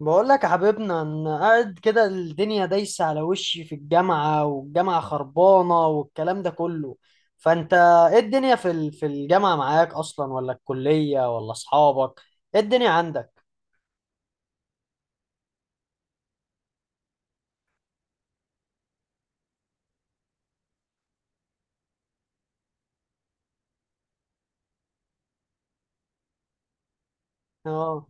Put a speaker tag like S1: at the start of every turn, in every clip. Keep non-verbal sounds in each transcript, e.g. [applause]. S1: بقول لك يا حبيبنا، انا قاعد كده الدنيا دايسه على وشي في الجامعه، والجامعه خربانه والكلام ده كله. فانت ايه الدنيا في في الجامعه معاك اصلا، ولا الكليه ولا اصحابك؟ ايه الدنيا عندك؟ اه.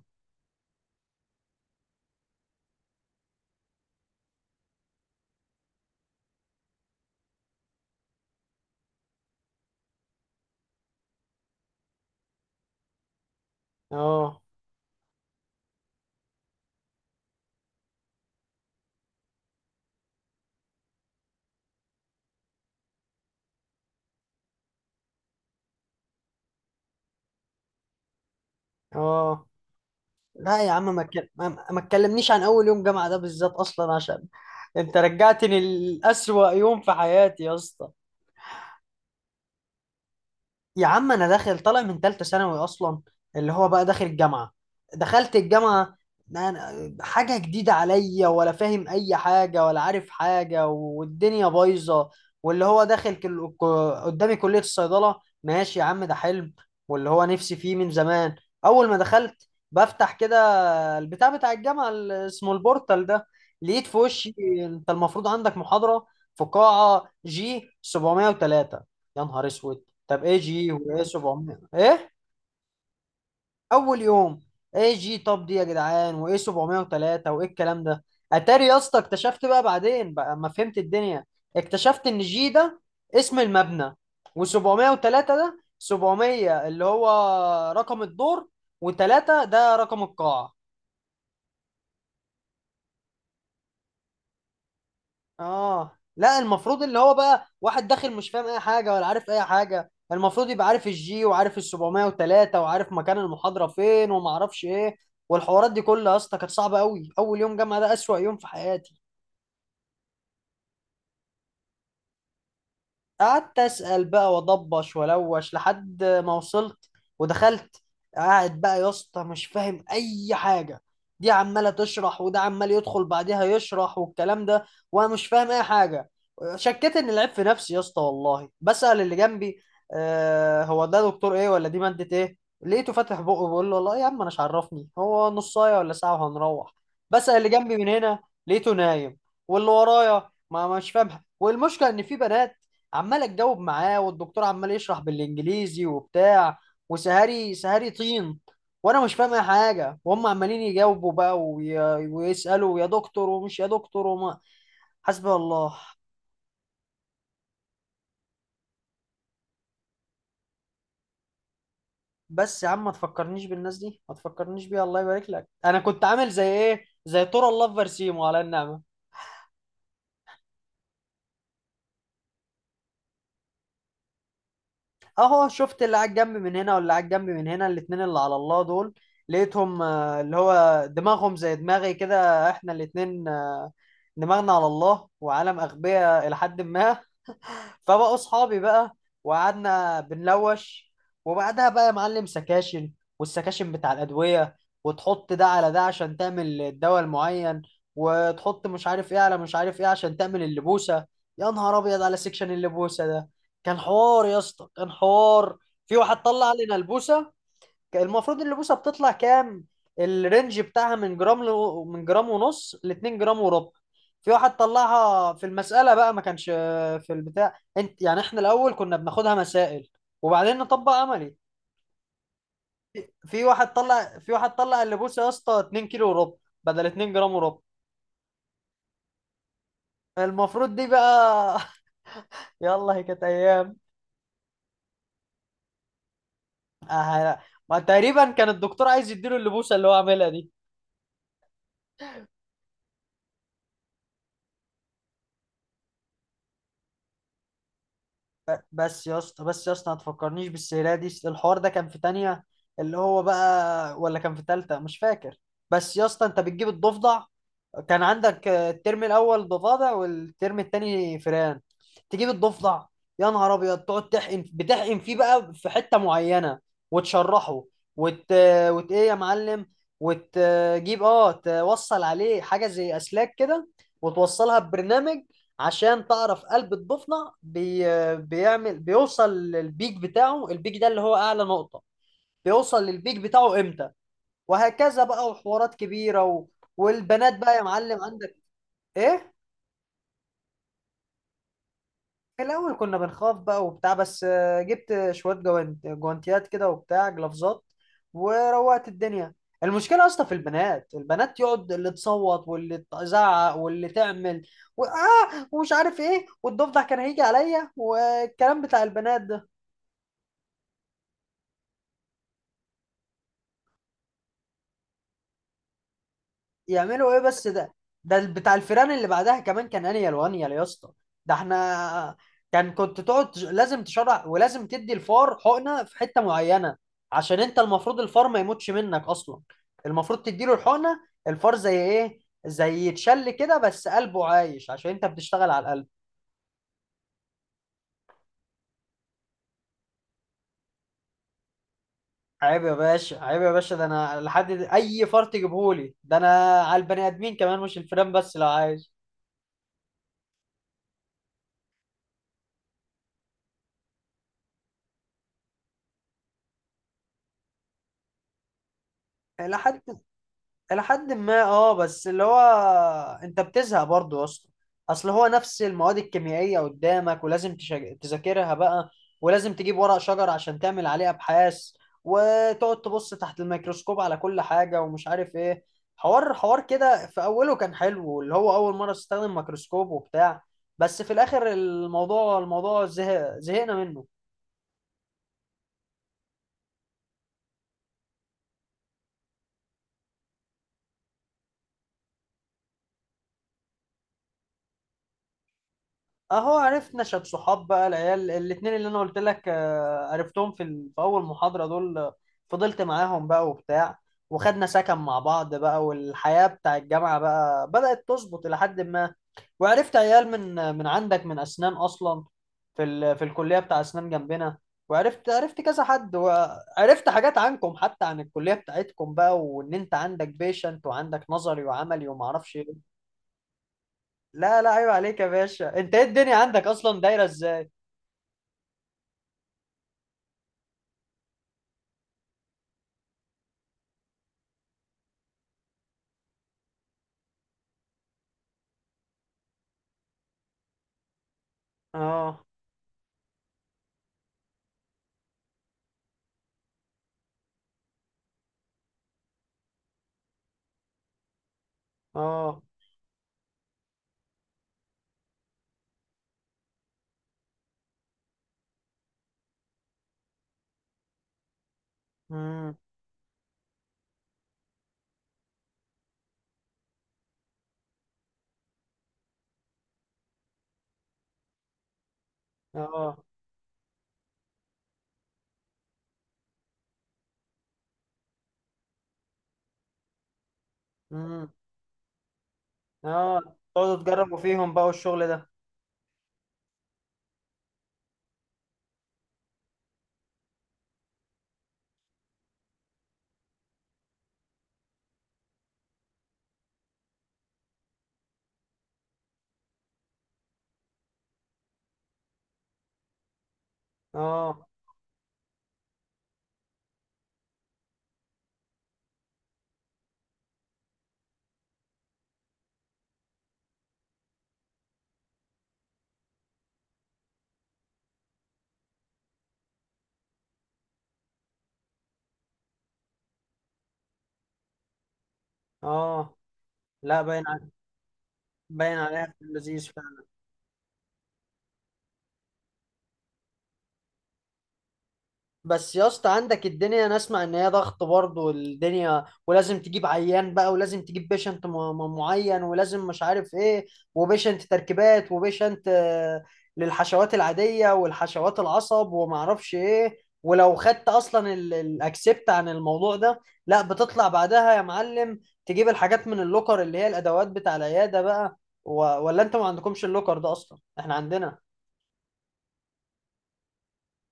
S1: اه. اه. لا يا عم، ما تك- ما ما تكلمنيش عن اول يوم جامعه ده بالذات، اصلا عشان انت رجعتني لأسوأ يوم في حياتي يا اسطى. يا عم انا داخل طالع من ثالثه ثانوي اصلا، اللي هو بقى داخل الجامعه. دخلت الجامعه، أنا حاجه جديده عليا، ولا فاهم اي حاجه ولا عارف حاجه، والدنيا بايظه. واللي هو داخل قدامي كليه الصيدله، ماشي يا عم ده حلم واللي هو نفسي فيه من زمان. اول ما دخلت بفتح كده البتاع بتاع الجامعه اللي اسمه البورتال ده، لقيت في وشي: انت المفروض عندك محاضره في قاعه جي 703. يا نهار اسود، طب اي جي وايه 700 ايه؟ اول يوم، اي جي؟ طب دي يا جدعان وايه 703 وايه الكلام ده؟ اتاري يا اسطى اكتشفت بقى بعدين بقى، ما فهمت الدنيا، اكتشفت ان جي ده اسم المبنى، و703 ده 700 اللي هو رقم الدور، و3 ده رقم القاعة. اه. لا، المفروض اللي هو بقى واحد داخل مش فاهم اي حاجه ولا عارف اي حاجه، المفروض يبقى عارف الجي وعارف ال 703 وعارف مكان المحاضره فين وما اعرفش ايه، والحوارات دي كلها يا اسطى كانت صعبه قوي. اول يوم جامعه ده اسوأ يوم في حياتي. قعدت اسال بقى واضبش والوش لحد ما وصلت ودخلت. قاعد بقى يا اسطى مش فاهم اي حاجه، دي عماله تشرح وده عمال يدخل بعدها يشرح والكلام ده، وانا مش فاهم اي حاجه. شكيت ان العيب في نفسي يا اسطى، والله بسال اللي جنبي: آه هو ده دكتور ايه، ولا دي ماده ايه؟ لقيته فاتح بقه بيقول له والله يا عم انا مش عرفني هو نصايه ولا ساعه وهنروح. بسال اللي جنبي من هنا، لقيته نايم. واللي ورايا ما مش فاهمها، والمشكله ان في بنات عمال اتجاوب معاه، والدكتور عمال يشرح بالانجليزي وبتاع، وسهري سهري طين، وانا مش فاهم اي حاجه، وهم عمالين يجاوبوا بقى ويسالوا يا دكتور ومش يا دكتور وما، حسبي الله. بس يا عم ما تفكرنيش بالناس دي، ما تفكرنيش بيها الله يبارك لك، انا كنت عامل زي ايه، زي تورا الله في برسيمو على النعمه. اهو شفت اللي على الجنب من هنا واللي على الجنب من هنا، الاتنين اللي على الله دول، لقيتهم اللي هو دماغهم زي دماغي كده، احنا الاتنين دماغنا على الله وعالم اغبياء الى حد ما، فبقوا اصحابي بقى وقعدنا بنلوش. وبعدها بقى يا معلم سكاشن، والسكاشن بتاع الادويه، وتحط ده على ده عشان تعمل الدواء المعين، وتحط مش عارف ايه على مش عارف ايه عشان تعمل اللبوسه. يا نهار ابيض على سكشن اللبوسه ده، كان حوار يا اسطى كان حوار. في واحد طلع علينا البوسه. المفروض اللبوسه بتطلع كام؟ الرينج بتاعها من جرام من جرام ونص ل 2 جرام وربع. في واحد طلعها في المسألة بقى، ما كانش في البتاع، انت يعني احنا الأول كنا بناخدها مسائل وبعدين نطبق عملي. في واحد طلع اللبوسة يا اسطى 2 كيلو وربع، بدل 2 جرام وربع. المفروض دي بقى [laughs] يلا، هي كانت أيام. آه، تقريبا كان الدكتور عايز يديله اللبوسة اللي هو عاملها دي. بس يا اسطى ما تفكرنيش بالسيرة دي، الحوار ده كان في تانية اللي هو بقى، ولا كان في تالتة مش فاكر. بس يا اسطى انت بتجيب الضفدع، كان عندك الترم الاول ضفادع والترم التاني فئران. تجيب الضفدع، يا نهار ابيض، تقعد بتحقن فيه بقى في حته معينه وتشرحه وت... وت ايه يا معلم، وتجيب اه توصل عليه حاجه زي اسلاك كده وتوصلها ببرنامج عشان تعرف قلب الضفدع بيعمل بيوصل للبيك بتاعه، البيك ده اللي هو اعلى نقطه، بيوصل للبيك بتاعه امتى، وهكذا بقى وحوارات كبيره و، والبنات بقى يا معلم عندك، ايه. في الاول كنا بنخاف بقى وبتاع، بس جبت شويه جوانتيات كده وبتاع جلافزات، وروقت الدنيا. المشكله اصلا في البنات، البنات يقعد اللي تصوت واللي تزعق واللي تعمل و ومش عارف ايه، والضفدع كان هيجي عليا والكلام بتاع البنات ده يعملوا ايه بس ده. ده بتاع الفيران اللي بعدها كمان كان انيل وانيل يا اسطى، ده احنا كان كنت تقعد لازم تشرع ولازم تدي الفار حقنه في حته معينه، عشان انت المفروض الفار ما يموتش منك اصلا، المفروض تديله الحقنه. الفار زي ايه، زي يتشل كده، بس قلبه عايش عشان انت بتشتغل على القلب. عيب يا باشا، عيب يا باشا، ده انا لحد اي فار تجيبهولي ده انا، على البني ادمين كمان مش الفيران بس، لو عايش. لحد الى حد ما اه، بس اللي هو انت بتزهق برضه يا اسطى. اصل هو نفس المواد الكيميائيه قدامك ولازم تذاكرها بقى، ولازم تجيب ورق شجر عشان تعمل عليه ابحاث، وتقعد تبص تحت الميكروسكوب على كل حاجه ومش عارف ايه. حوار حوار كده، في اوله كان حلو اللي هو اول مره تستخدم ميكروسكوب وبتاع، بس في الاخر الموضوع زهق، زهقنا منه. اهو عرفنا شاب صحاب بقى، العيال الاتنين اللي انا قلت لك عرفتهم في في اول محاضرة دول، فضلت معاهم بقى وبتاع، وخدنا سكن مع بعض بقى، والحياة بتاع الجامعة بقى بدأت تظبط إلى حد ما. وعرفت عيال من عندك، من أسنان أصلا، في في الكلية بتاع أسنان جنبنا. عرفت كذا حد، وعرفت حاجات عنكم حتى، عن الكلية بتاعتكم بقى، وإن أنت عندك بيشنت وعندك نظري وعملي ومعرفش إيه. لا لا عيب عليك يا باشا، أنت إيه الدنيا عندك أصلا دايرة إزاي؟ اه. اه. امم. اه. امم. اه. تقعدوا تجربوا فيهم بقى والشغل ده؟ اه. اه. لا باين على، باين عليها في اللذيذ. بس يا اسطى، عندك الدنيا انا اسمع ان هي ضغط برضه، والدنيا ولازم تجيب عيان بقى، ولازم تجيب بيشنت معين، ولازم مش عارف ايه، وبيشنت تركيبات وبيشنت للحشوات العادية والحشوات العصب ومعرفش ايه. ولو خدت اصلا الاكسبت عن الموضوع ده، لا بتطلع بعدها يا معلم، تجيب الحاجات من اللوكر اللي هي الادوات بتاع العيادة بقى و، ولا انتوا ما عندكمش اللوكر ده اصلا؟ احنا عندنا.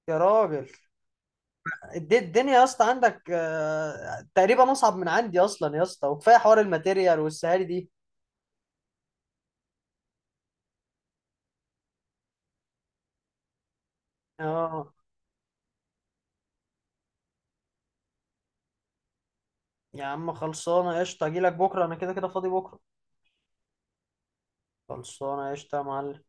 S1: يا راجل. الدنيا يا اسطى عندك تقريبا اصعب من عندي اصلا يا اسطى، وكفايه حوار الماتيريال والسهاري دي. اه. يا عم خلصانه قشطه، اجي لك بكره انا، كده كده فاضي بكره. خلصانه قشطه يا معلم.